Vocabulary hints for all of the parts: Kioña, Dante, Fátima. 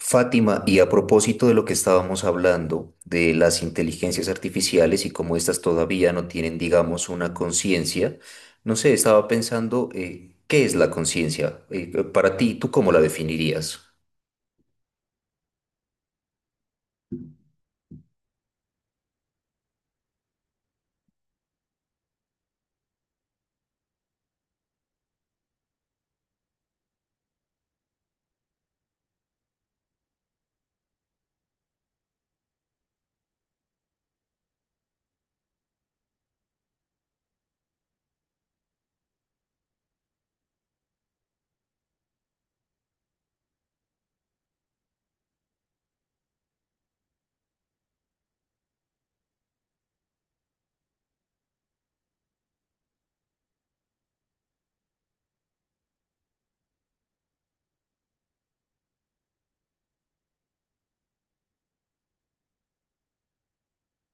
Fátima, y a propósito de lo que estábamos hablando de las inteligencias artificiales y cómo estas todavía no tienen, digamos, una conciencia, no sé, estaba pensando, ¿qué es la conciencia? Para ti, ¿tú cómo la definirías?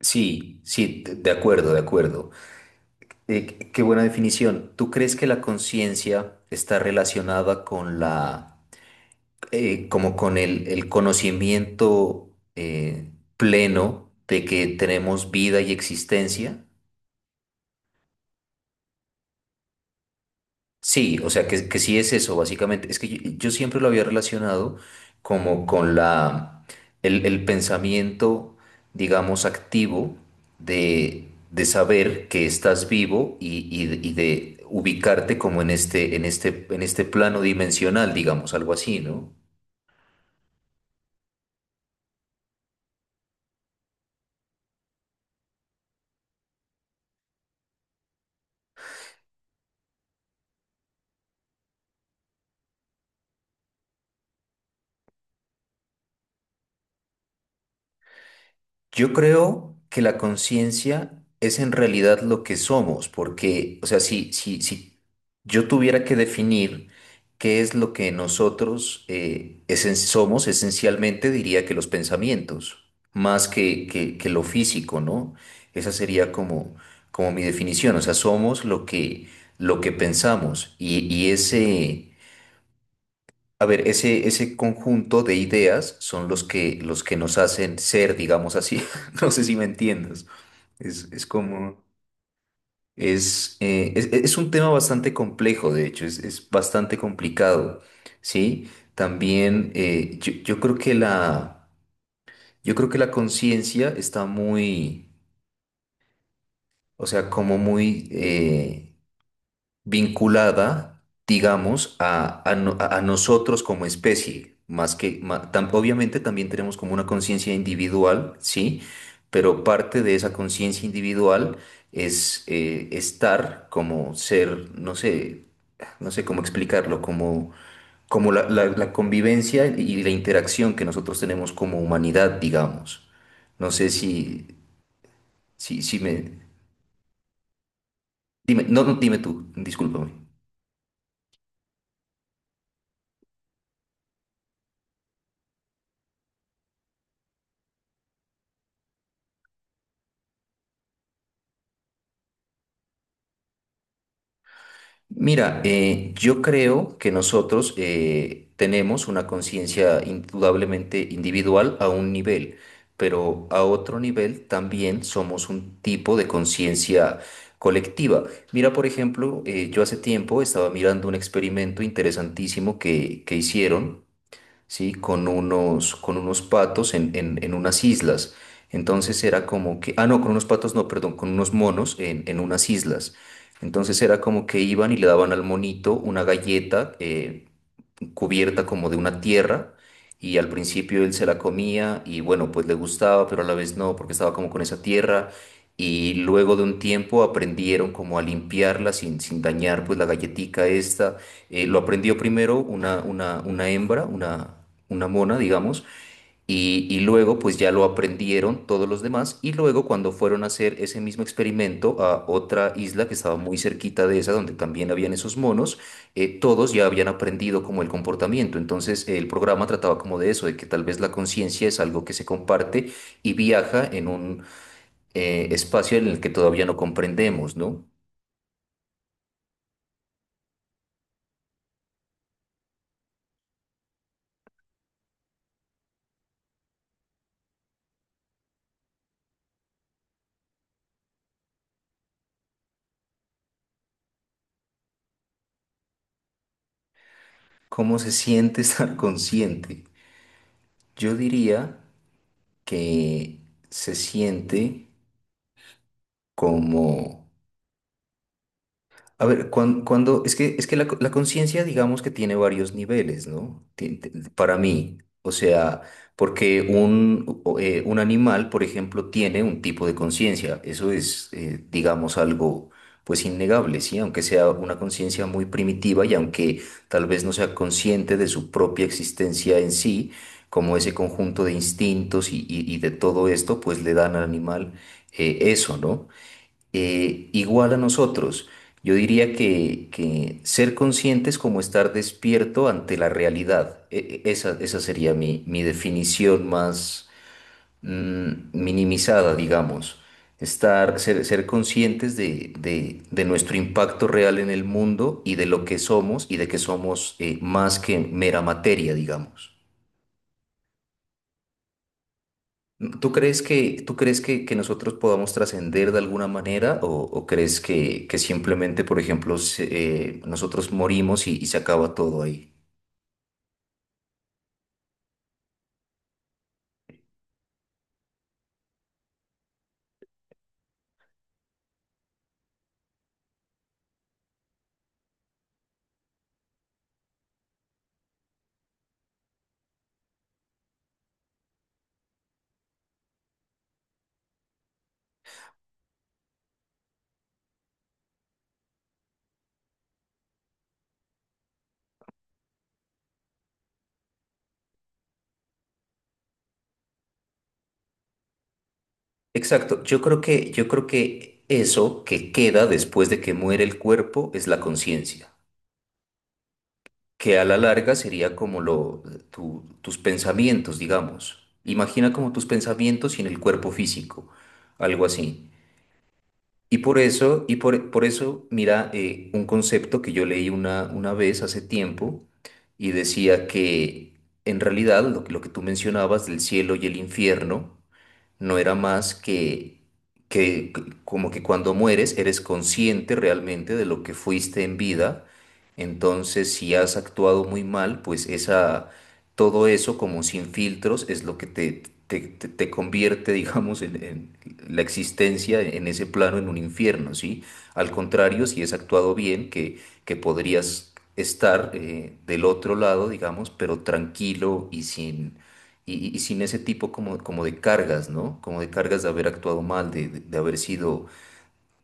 Sí, sí, de acuerdo, de acuerdo. Qué buena definición. ¿Tú crees que la conciencia está relacionada con la, como con el conocimiento pleno de que tenemos vida y existencia? Sí, o sea, que sí es eso, básicamente. Es que yo siempre lo había relacionado como con la, el pensamiento, digamos, activo de saber que estás vivo y de ubicarte como en este plano dimensional, digamos, algo así, ¿no? Yo creo que la conciencia es en realidad lo que somos, porque, o sea, si yo tuviera que definir qué es lo que nosotros somos, esencialmente diría que los pensamientos, más que lo físico, ¿no? Esa sería como mi definición, o sea, somos lo que pensamos ese. A ver, ese conjunto de ideas son los que nos hacen ser, digamos así. No sé si me entiendes. Es como, es un tema bastante complejo, de hecho, es bastante complicado, ¿sí? También yo yo creo que la conciencia está muy, o sea, como muy, vinculada, digamos, a no- a nosotros como especie, más que, ma- tam- obviamente también tenemos como una conciencia individual, ¿sí? Pero parte de esa conciencia individual es estar como ser, no sé cómo explicarlo, como la convivencia y la interacción que nosotros tenemos como humanidad, digamos. No sé si me... Dime, no, no, dime tú, discúlpame. Mira, yo creo que nosotros tenemos una conciencia indudablemente individual a un nivel, pero a otro nivel también somos un tipo de conciencia colectiva. Mira, por ejemplo, yo hace tiempo estaba mirando un experimento interesantísimo que hicieron, ¿sí? Con unos patos en unas islas. Entonces era como que, ah, no, con unos patos, no, perdón, con unos monos en unas islas. Entonces era como que iban y le daban al monito una galleta, cubierta como de una tierra y al principio él se la comía y bueno, pues le gustaba, pero a la vez no, porque estaba como con esa tierra y luego de un tiempo aprendieron como a limpiarla sin dañar pues la galletica esta. Lo aprendió primero una hembra, una mona, digamos, y luego pues ya lo aprendieron todos los demás y luego cuando fueron a hacer ese mismo experimento a otra isla que estaba muy cerquita de esa donde también habían esos monos, todos ya habían aprendido como el comportamiento. Entonces el programa trataba como de eso, de que tal vez la conciencia es algo que se comparte y viaja en un espacio en el que todavía no comprendemos, ¿no? ¿Cómo se siente estar consciente? Yo diría que se siente como. A ver, cuando, es que la conciencia, digamos que tiene varios niveles, ¿no? Para mí, o sea, porque un animal, por ejemplo, tiene un tipo de conciencia, eso es, digamos, algo pues innegable, ¿sí? Aunque sea una conciencia muy primitiva y aunque tal vez no sea consciente de su propia existencia en sí, como ese conjunto de instintos y de todo esto, pues le dan al animal eso, ¿no? Igual a nosotros. Yo diría que ser consciente es como estar despierto ante la realidad. Esa sería mi definición más minimizada, digamos. Ser conscientes de nuestro impacto real en el mundo y de lo que somos y de que somos más que mera materia, digamos. ¿Tú crees que nosotros podamos trascender de alguna manera o, crees que simplemente, por ejemplo, nosotros morimos y se acaba todo ahí? Exacto, yo creo que eso que queda después de que muere el cuerpo es la conciencia, que a la larga sería como tus pensamientos, digamos. Imagina como tus pensamientos sin el cuerpo físico, algo así. Y por eso, mira, un concepto que yo leí una vez hace tiempo y decía que en realidad lo que tú mencionabas del cielo y el infierno, no era más que como que cuando mueres eres consciente realmente de lo que fuiste en vida, entonces si has actuado muy mal, pues todo eso como sin filtros es lo que te convierte, digamos, en la existencia en ese plano en un infierno, ¿sí? Al contrario, si has actuado bien, que podrías estar del otro lado, digamos, pero tranquilo y sin ese tipo como de cargas, ¿no? Como de cargas de haber actuado mal, de haber sido,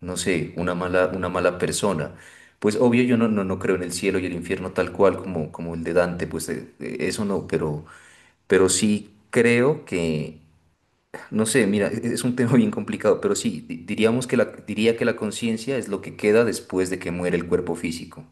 no sé, una mala persona. Pues obvio yo no creo en el cielo y el infierno tal cual como, el de Dante, pues eso no, pero, sí creo que, no sé, mira, es un tema bien complicado, pero sí, diría que la conciencia es lo que queda después de que muere el cuerpo físico.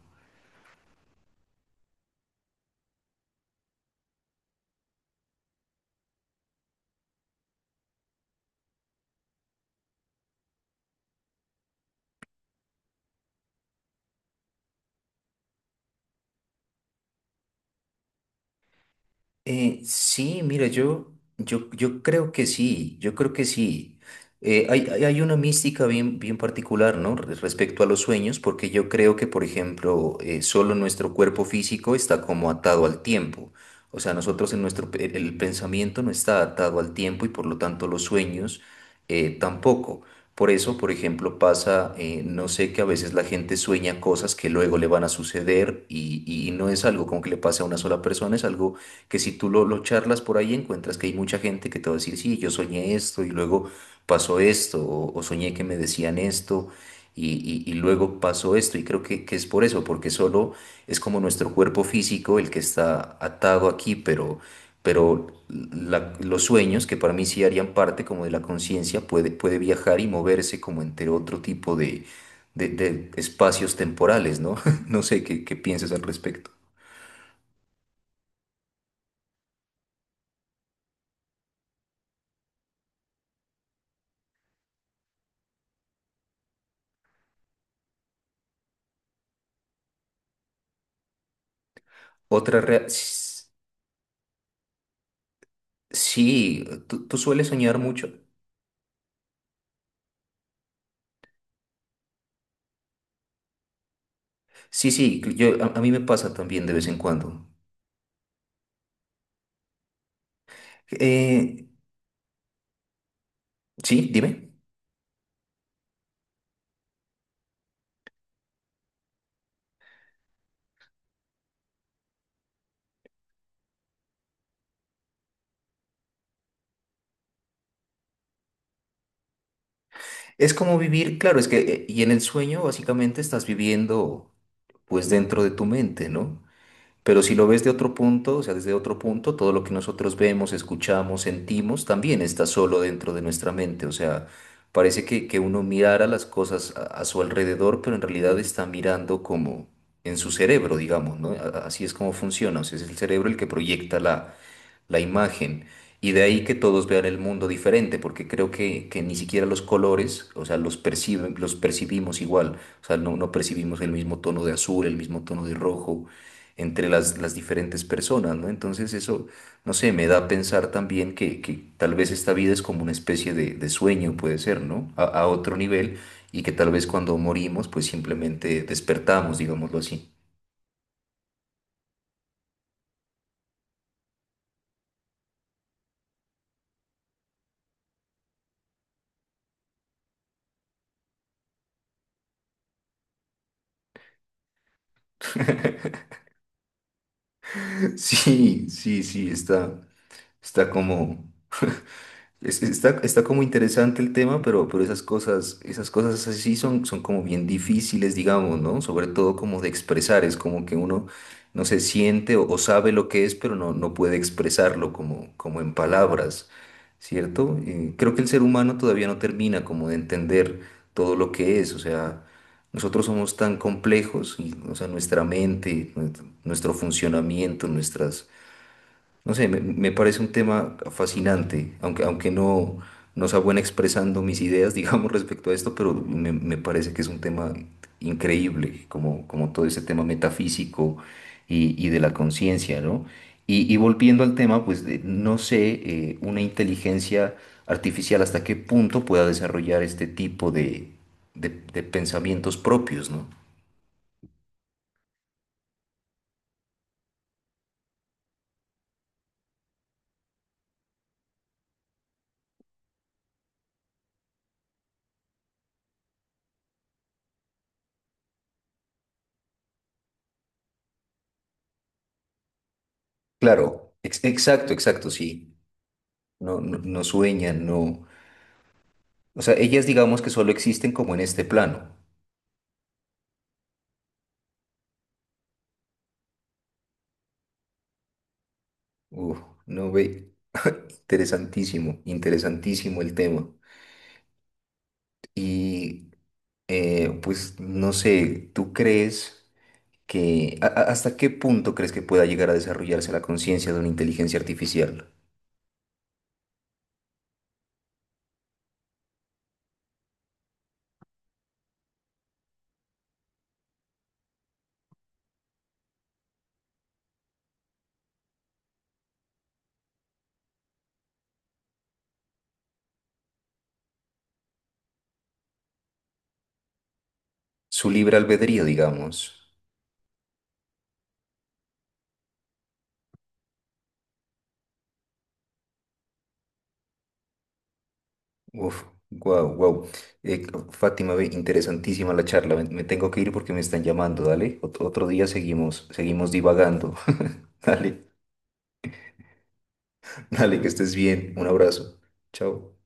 Sí, mira, yo creo que sí, yo creo que sí. Hay una mística bien, bien particular, ¿no? Respecto a los sueños, porque yo creo que, por ejemplo, solo nuestro cuerpo físico está como atado al tiempo. O sea, nosotros el pensamiento no está atado al tiempo y por lo tanto los sueños tampoco. Por eso, por ejemplo, pasa, no sé, que a veces la gente sueña cosas que luego le van a suceder y no es algo como que le pase a una sola persona, es algo que si tú lo charlas por ahí encuentras que hay mucha gente que te va a decir, sí, yo soñé esto y luego pasó esto, o soñé que me decían esto y, y luego pasó esto. Y creo que es por eso, porque solo es como nuestro cuerpo físico el que está atado aquí, pero, pero los sueños, que para mí sí harían parte como de la conciencia, puede viajar y moverse como entre otro tipo de... de espacios temporales, ¿no? No sé qué piensas al respecto. Otra rea- Sí, tú sueles soñar mucho. Sí, sí, a mí me pasa también de vez en cuando. Eh, sí, dime. Es como vivir, claro, es que, y en el sueño básicamente estás viviendo pues dentro de tu mente, ¿no? Pero si lo ves de otro punto, o sea, desde otro punto, todo lo que nosotros vemos, escuchamos, sentimos, también está solo dentro de nuestra mente. O sea, parece que uno mirara las cosas a su alrededor, pero en realidad está mirando como en su cerebro, digamos, ¿no? Así es como funciona. O sea, es el cerebro el que proyecta la imagen. Y de ahí que todos vean el mundo diferente, porque creo que ni siquiera los colores, o sea, los percibimos igual. O sea, no percibimos el mismo tono de azul, el mismo tono de rojo entre las diferentes personas, ¿no? Entonces eso, no sé, me da a pensar también que tal vez esta vida es como una especie de sueño, puede ser, ¿no? A otro nivel, y que tal vez cuando morimos, pues simplemente despertamos, digámoslo así. Sí, sí, sí, está como. Está como interesante el tema, pero esas cosas, así sí son, son como bien difíciles, digamos, ¿no? Sobre todo como de expresar, es como que uno no se siente o sabe lo que es, pero no puede expresarlo como en palabras, ¿cierto? Creo que el ser humano todavía no termina como de entender todo lo que es, o sea, nosotros somos tan complejos, y, o sea, nuestra mente, nuestro funcionamiento, nuestras no sé, me parece un tema fascinante, aunque no sea bueno expresando mis ideas, digamos, respecto a esto, pero me parece que es un tema increíble, como todo ese tema metafísico y de la conciencia, ¿no? Y volviendo al tema, pues no sé, una inteligencia artificial hasta qué punto pueda desarrollar este tipo de pensamientos propios, ¿no? Claro, exacto, exacto, sí. No, no, no sueñan, no. O sea, ellas digamos que solo existen como en este plano. Uf, no ve. Interesantísimo, interesantísimo el tema. Y pues no sé, ¿tú crees que a- hasta qué punto crees que pueda llegar a desarrollarse la conciencia de una inteligencia artificial? Su libre albedrío, digamos. Uf, wow, wow. Fátima, ve, interesantísima la charla. Me tengo que ir porque me están llamando, dale. Otro día seguimos, divagando. Dale. Dale, que estés bien. Un abrazo. Chao.